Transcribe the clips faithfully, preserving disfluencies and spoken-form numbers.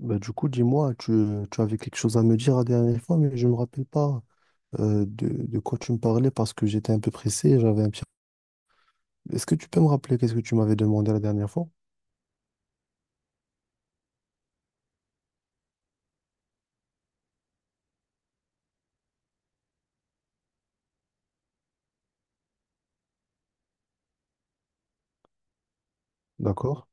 Bah, du coup, dis-moi, tu, tu avais quelque chose à me dire la dernière fois, mais je me rappelle pas euh, de, de quoi tu me parlais parce que j'étais un peu pressé, j'avais un petit. Est-ce que tu peux me rappeler qu'est-ce que tu m'avais demandé la dernière fois? D'accord.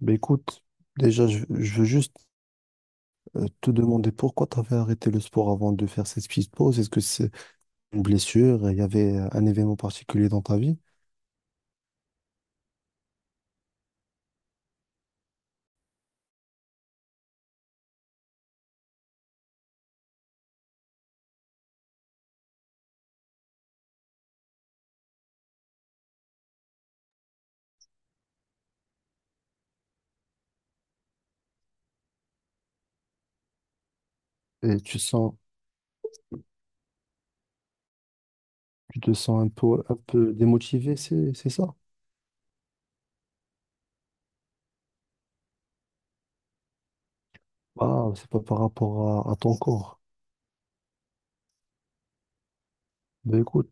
Bah, écoute, déjà, je, je veux juste euh, te demander pourquoi tu avais arrêté le sport avant de faire cette petite pause. Est-ce que c'est une blessure? Il y avait euh, un événement particulier dans ta vie? Et tu sens, tu te sens un peu, un peu démotivé, c'est, c'est ça? Ah, c'est pas par rapport à, à ton corps. Ben écoute,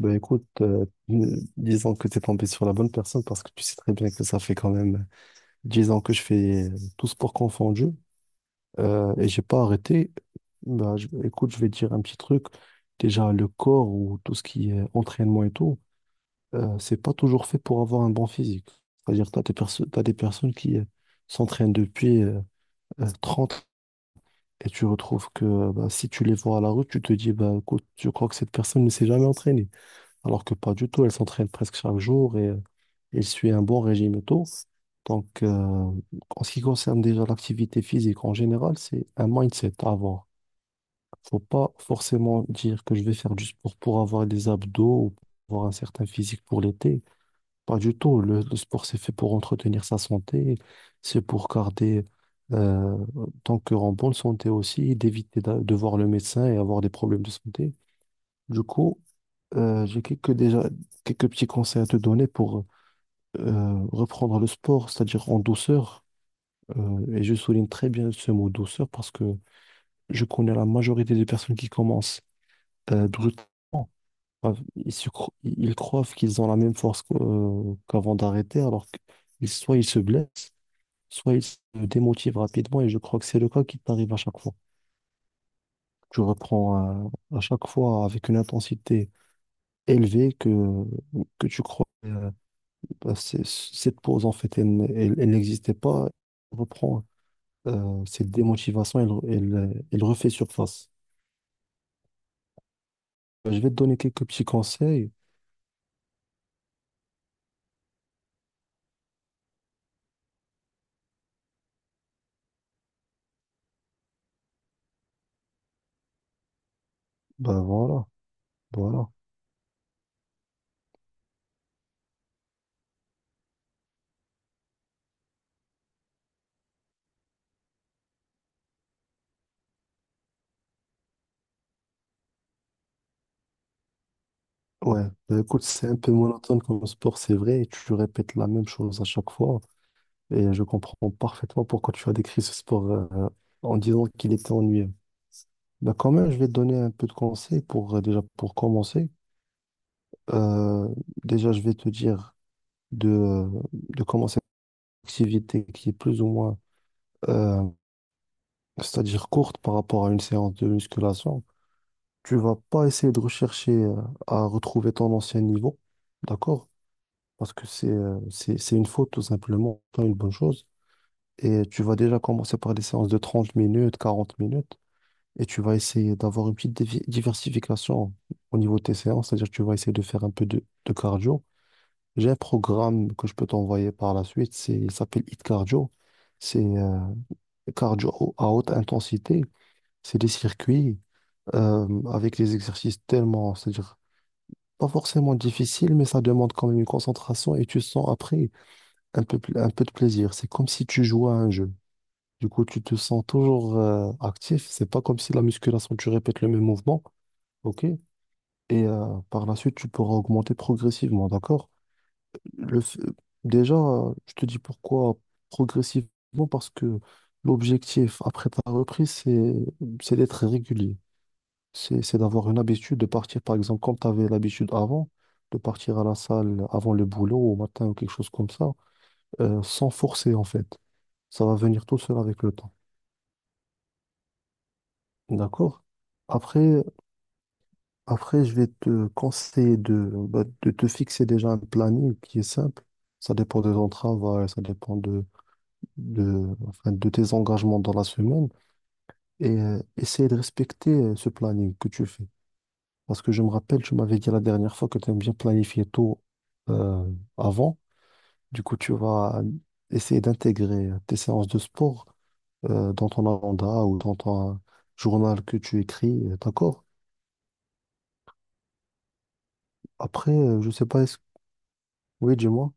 Ben écoute, euh, euh, disons que tu es tombé sur la bonne personne parce que tu sais très bien que ça fait quand même dix ans que je fais euh, tout sport confondu euh, et j'ai pas arrêté. Ben, je- écoute, je vais te dire un petit truc. Déjà, le corps ou tout ce qui est entraînement et tout, euh, c'est pas toujours fait pour avoir un bon physique. C'est-à-dire, tu as des perso- t'as des personnes qui euh, s'entraînent depuis euh, euh, trente et tu retrouves que bah, si tu les vois à la rue, tu te dis, bah, écoute, je crois que cette personne ne s'est jamais entraînée alors que pas du tout. Elle s'entraîne presque chaque jour et euh, elle suit un bon régime et tout. Donc, euh, en ce qui concerne déjà l'activité physique en général, c'est un mindset à avoir. Faut pas forcément dire que je vais faire du sport pour avoir des abdos ou pour avoir un certain physique pour l'été. Pas du tout. Le, le sport, c'est fait pour entretenir sa santé, c'est pour garder euh, ton cœur en bonne santé aussi, d'éviter d'a- de voir le médecin et avoir des problèmes de santé. Du coup, euh, j'ai quelques, déjà, quelques petits conseils à te donner pour euh, reprendre le sport, c'est-à-dire en douceur. Euh, et je souligne très bien ce mot douceur parce que je connais la majorité des personnes qui commencent euh, brutalement. Enfin, Ils, se cro- ils croient qu'ils ont la même force qu'au- euh, qu'avant d'arrêter, alors que ils- soit ils se blessent, soit ils se démotivent rapidement. Et je crois que c'est le cas qui t'arrive à chaque fois. Tu reprends euh, à chaque fois avec une intensité élevée que, que tu crois. euh, euh, c'est- cette pause, en fait, elle, elle- elle n'existait pas. Elle reprend euh, cette démotivation, elle, elle, elle refait surface. Euh, Je vais te donner quelques petits conseils. Ben voilà, voilà. Ouais, ben écoute, c'est un peu monotone comme sport, c'est vrai. Tu répètes la même chose à chaque fois. Et je comprends parfaitement pourquoi tu as décrit ce sport euh, en disant qu'il était ennuyeux. Ben quand même, je vais te donner un peu de conseils pour, euh, déjà, pour commencer. Euh, déjà, je vais te dire de, de commencer activité qui est plus ou moins, euh, c'est-à-dire courte par rapport à une séance de musculation, tu vas pas essayer de rechercher euh, à retrouver ton ancien niveau, d'accord? Parce que c'est euh, c'est, c'est une faute tout simplement, pas une bonne chose. Et tu vas déjà commencer par des séances de trente minutes, quarante minutes, et tu vas essayer d'avoir une petite dévi- diversification au niveau de tes séances, c'est-à-dire que tu vas essayer de faire un peu de, de cardio. J'ai un programme que je peux t'envoyer par la suite. C'est, il s'appelle Hit Cardio. C'est euh, cardio à haute intensité. C'est des circuits euh, avec des exercices tellement, c'est-à-dire pas forcément difficiles, mais ça demande quand même une concentration et tu sens après un peu, pl- un peu de plaisir. C'est comme si tu jouais à un jeu. Du coup, tu te sens toujours euh, actif. C'est pas comme si la musculation, tu répètes le même mouvement. OK? Et euh, par la suite, tu pourras augmenter progressivement. D'accord? Le f- Déjà, euh, je te dis pourquoi progressivement, parce que l'objectif après ta reprise, c'est c'est d'être régulier. C'est c'est d'avoir une habitude de partir, par exemple, comme tu avais l'habitude avant, de partir à la salle avant le boulot, au matin ou quelque chose comme ça, euh, sans forcer en fait. Ça va venir tout seul avec le temps. D'accord? Après, après, je vais te conseiller de, bah, de te fixer déjà un planning qui est simple. Ça dépend de ton travail, ça dépend de de, enfin, de tes engagements dans la semaine et euh, essayer de respecter euh, ce planning que tu fais. Parce que je me rappelle, tu m'avais dit la dernière fois que tu aimes bien planifier tôt euh, avant. Du coup, tu vas essayer d'intégrer euh, tes séances de sport euh, dans ton agenda ou dans ton journal que tu écris, euh, d'accord? Après, euh, je sais pas, est-ce. Oui, dis-moi.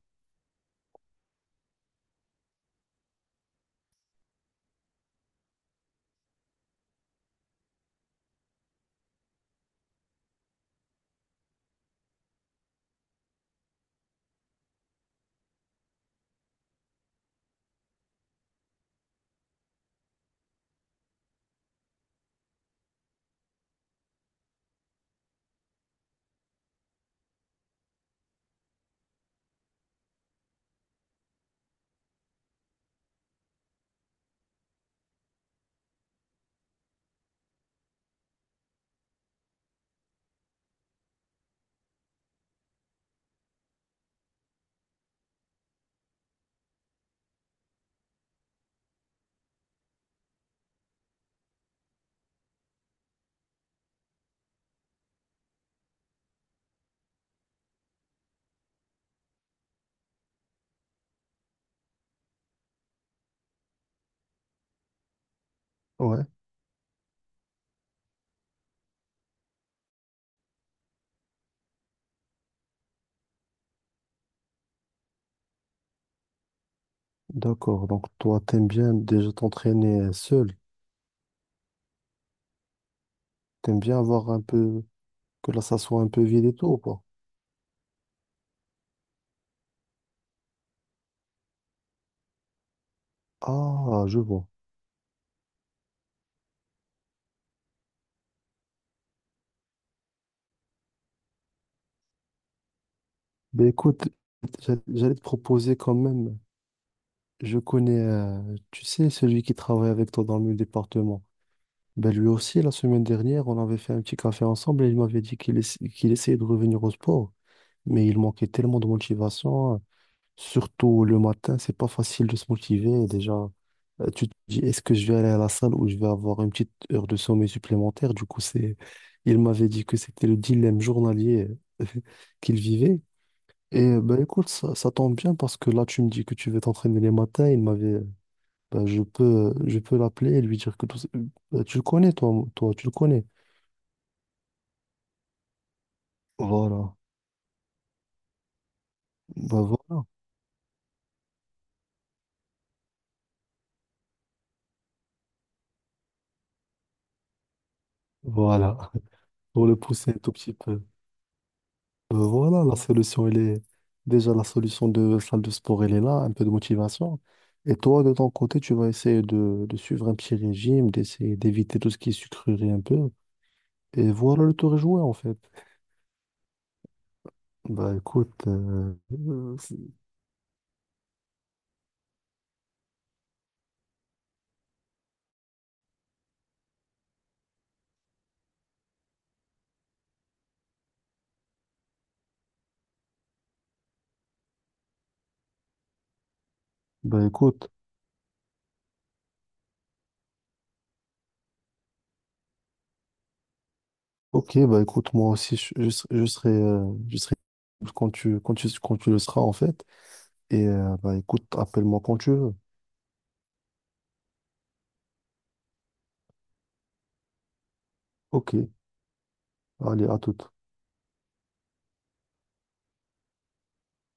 Ouais, d'accord. Donc, toi, t'aimes bien déjà t'entraîner euh, seul. T'aimes bien avoir un peu. Que là, ça soit un peu vide et tout, ou pas? Ah, je vois. Ben écoute, j'a- j'allais te proposer quand même, je connais, euh, tu sais, celui qui travaille avec toi dans le même département. Ben lui aussi, la semaine dernière, on avait fait un petit café ensemble et il m'avait dit qu'il essa- qu'il essayait de revenir au sport, mais il manquait tellement de motivation, surtout le matin, c'est pas facile de se motiver. Déjà, euh, tu te dis, est-ce que je vais aller à la salle ou je vais avoir une petite heure de sommeil supplémentaire? Du coup, c'est, il m'avait dit que c'était le dilemme journalier qu'il vivait. Et euh, ben écoute, ça, ça tombe bien parce que là, tu me dis que tu veux t'entraîner les matins. Il m'avait, ben, je peux, je peux, l'appeler et lui dire que tout ça- ben, tu le connais, toi, toi, tu le connais. Voilà. Ben voilà. Voilà. Pour le pousser un tout petit peu. Ben voilà, la solution, elle est déjà la solution de salle de sport, elle est là, un peu de motivation. Et toi, de ton côté, tu vas essayer de, de suivre un petit régime, d'essayer d'éviter tout ce qui est sucrerie un peu. Et voilà, le tour est joué, en fait. Ben écoute, euh, euh, c'est- ben écoute. Ok, bah écoute, moi aussi, je, je, serai, je serai euh, je serai quand tu, quand tu, quand tu le seras, en fait. Et euh, bah écoute, appelle-moi quand tu veux. Ok, allez, à toute.